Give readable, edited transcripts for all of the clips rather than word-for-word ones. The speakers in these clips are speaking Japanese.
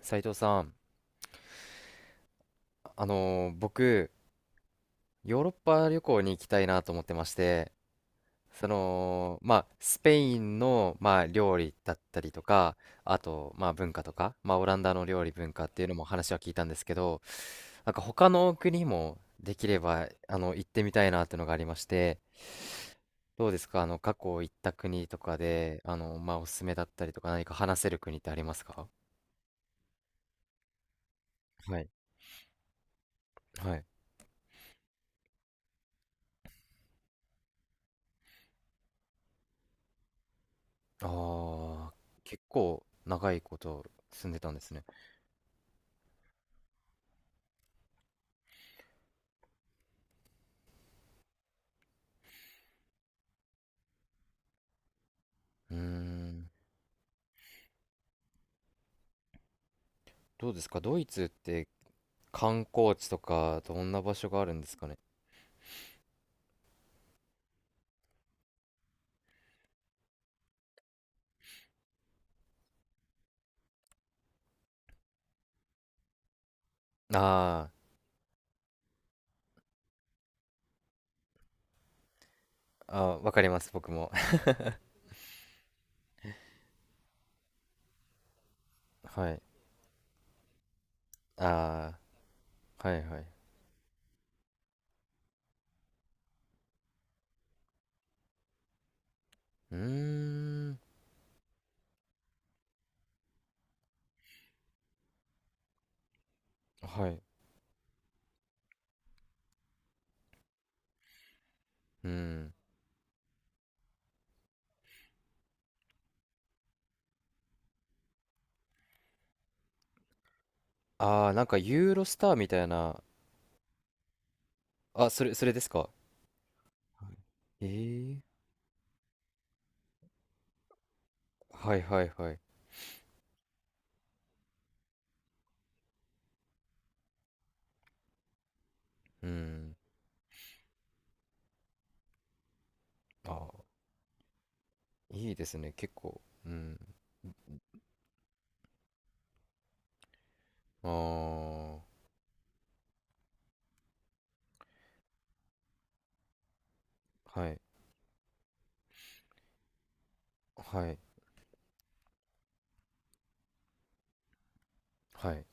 斉藤さん、僕、ヨーロッパ旅行に行きたいなと思ってまして、まあ、スペインの、まあ、料理だったりとか、あと、まあ、文化とか、まあ、オランダの料理文化っていうのも話は聞いたんですけど、なんか他の国もできれば、行ってみたいなっていうのがありまして、どうですか、過去行った国とかで、まあ、おすすめだったりとか、何か話せる国ってありますか？はい。はい。ああ、結構長いこと住んでたんですね。うーん、どうですか、ドイツって観光地とかどんな場所があるんですかね。あー、あー、わかります、僕も。はい。ああ、はいはい。うーん、はい。うん。ああ、なんかユーロスターみたいな。あ、それですか？はい。はいはいはい。うん。あー、いいですね、結構。うん。ああ、はい、はい、はい。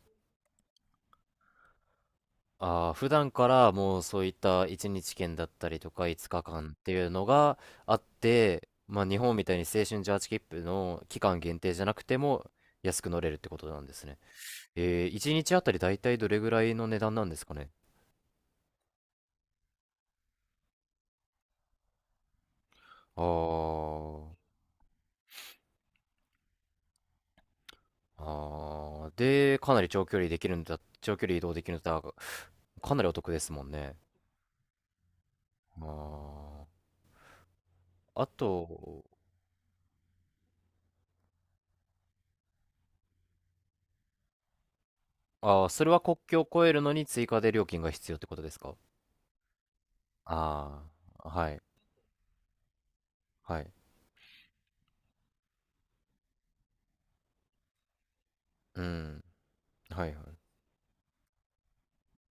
ああ、普段からもうそういった1日券だったりとか5日間っていうのがあって、まあ日本みたいに青春18切符の期間限定じゃなくても安く乗れるってことなんですね。1日あたりだいたいどれぐらいの値段なんですかね。あー、あー、で、かなり長距離移動できるんだったら、かなりお得ですもんね。ああ、あと、それは国境を越えるのに追加で料金が必要ってことですか？ああー、はい。はい。うん。はいはい。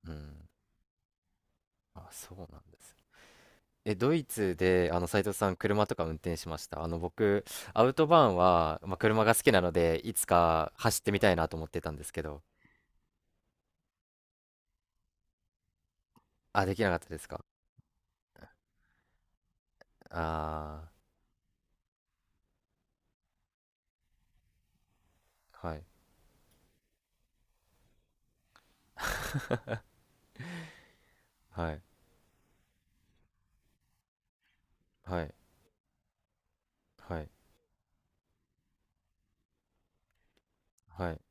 うん。あ、そうなんですね。ドイツで、斉藤さん、車とか運転しました？僕、アウトバーンは、まあ、車が好きなので、いつか走ってみたいなと思ってたんですけど。あ、できなかったですか？ああー、はい、はい、はい、はい、はい。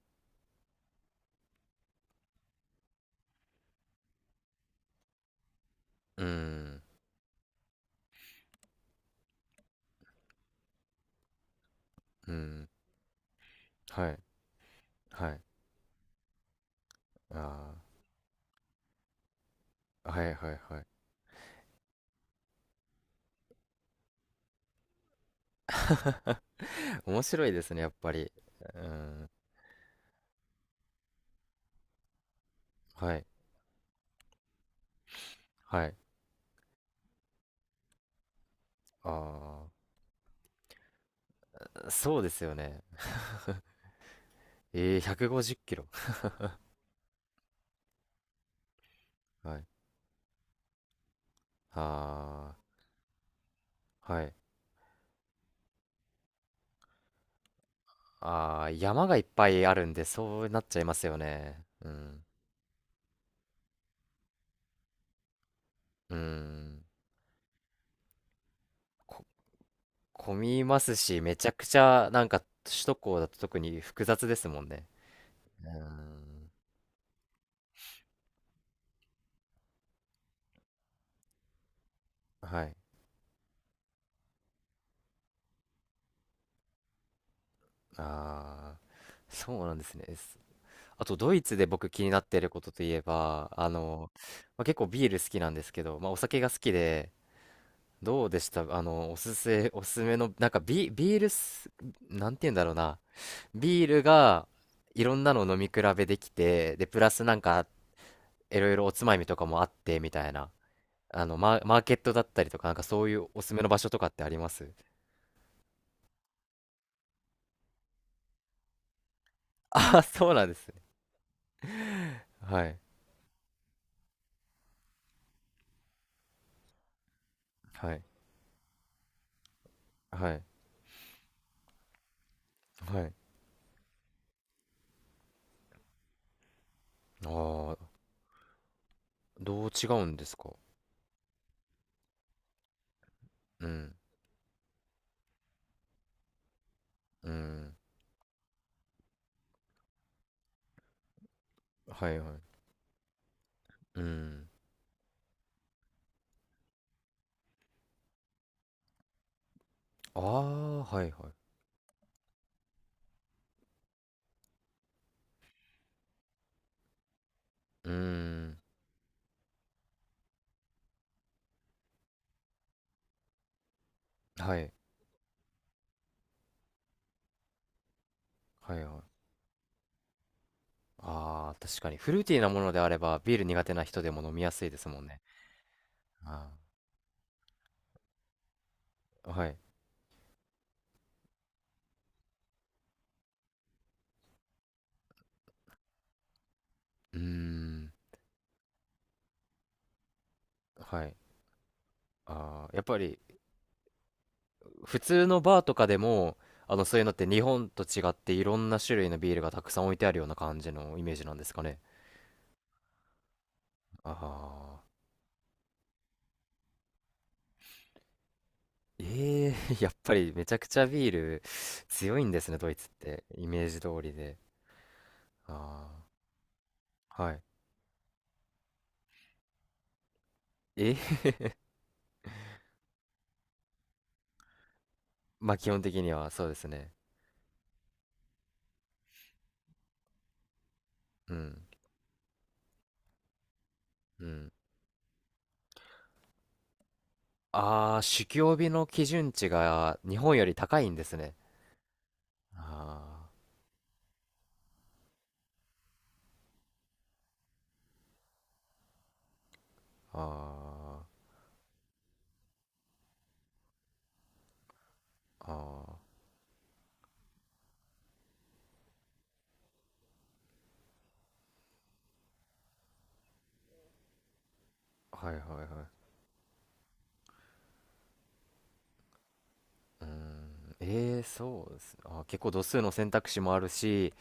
うん、うん、はい、はい。ああ、はい、はい、はい。面白いですね、やっぱり。うん、はい、はい。ああ、そうですよね。えー、150キロ。はい。あー、はい。あー、山がいっぱいあるんで、そうなっちゃいますよね。うん。うん。こ、混みますし、めちゃくちゃ、なんか、首都高だと特に複雑ですもんね。うん。はい。あー、そうなんですね。あと、ドイツで僕気になっていることといえば、まあ、結構ビール好きなんですけど、まあ、お酒が好きで、どうでした？おすすめの、なんかビールす、なんて言うんだろうな。ビールが、いろんなのを飲み比べできて、で、プラスなんか、いろいろおつまみとかもあって、みたいな。マーケットだったりとか、なんかそういうおすすめの場所とかってあります？ あ、そうなんですね。はい。はい。はい。はい。ああ、どう違うんですか？うん。うん。はいはい。うん。ああ、はいはい。うん。はい。はいはい。ああ、確かに。フルーティーなものであれば、ビール苦手な人でも飲みやすいですもんね。ああ、はい。うーん、はい。ああ、やっぱり、普通のバーとかでも、そういうのって日本と違っていろんな種類のビールがたくさん置いてあるような感じのイメージなんですかね。ああ、ええー やっぱりめちゃくちゃビール強いんですね、ドイツって。イメージ通りで。ああ、はい。ええー まあ基本的にはそうですね。うん、うん。ああ、酒気帯びの基準値が日本より高いんですね。ああ、ああ、ああ、はいはいはい。うーん、ええー、そうですね。あー、結構度数の選択肢もあるし、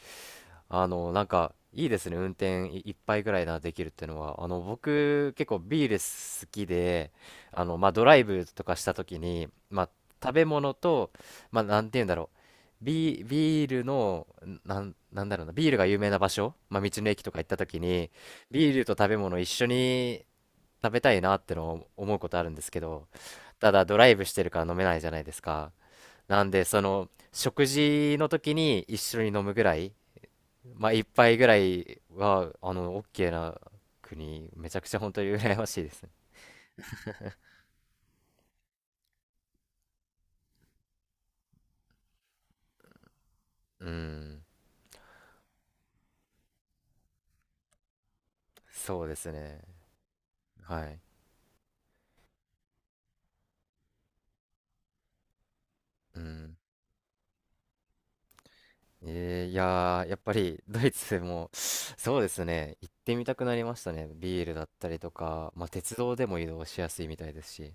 なんか、いいですね。運転い一杯ぐらいな、できるっていうのは。僕、結構ビール好きで、まあ、ドライブとかした時に、まあ、食べ物と、まあ、なんて言うんだろう。ビールの、なんだろうな、ビールが有名な場所、まあ、道の駅とか行った時に、ビールと食べ物一緒に食べたいなってのを思うことあるんですけど、ただドライブしてるから飲めないじゃないですか。なんで、食事の時に一緒に飲むぐらい、まあ、一杯ぐらいは、オッケーな国、めちゃくちゃ本当に羨ましいですね。うん、そうですね。はい。うん。いやー、やっぱりドイツも、そうですね、行ってみたくなりましたね。ビールだったりとか、まあ、鉄道でも移動しやすいみたいですし。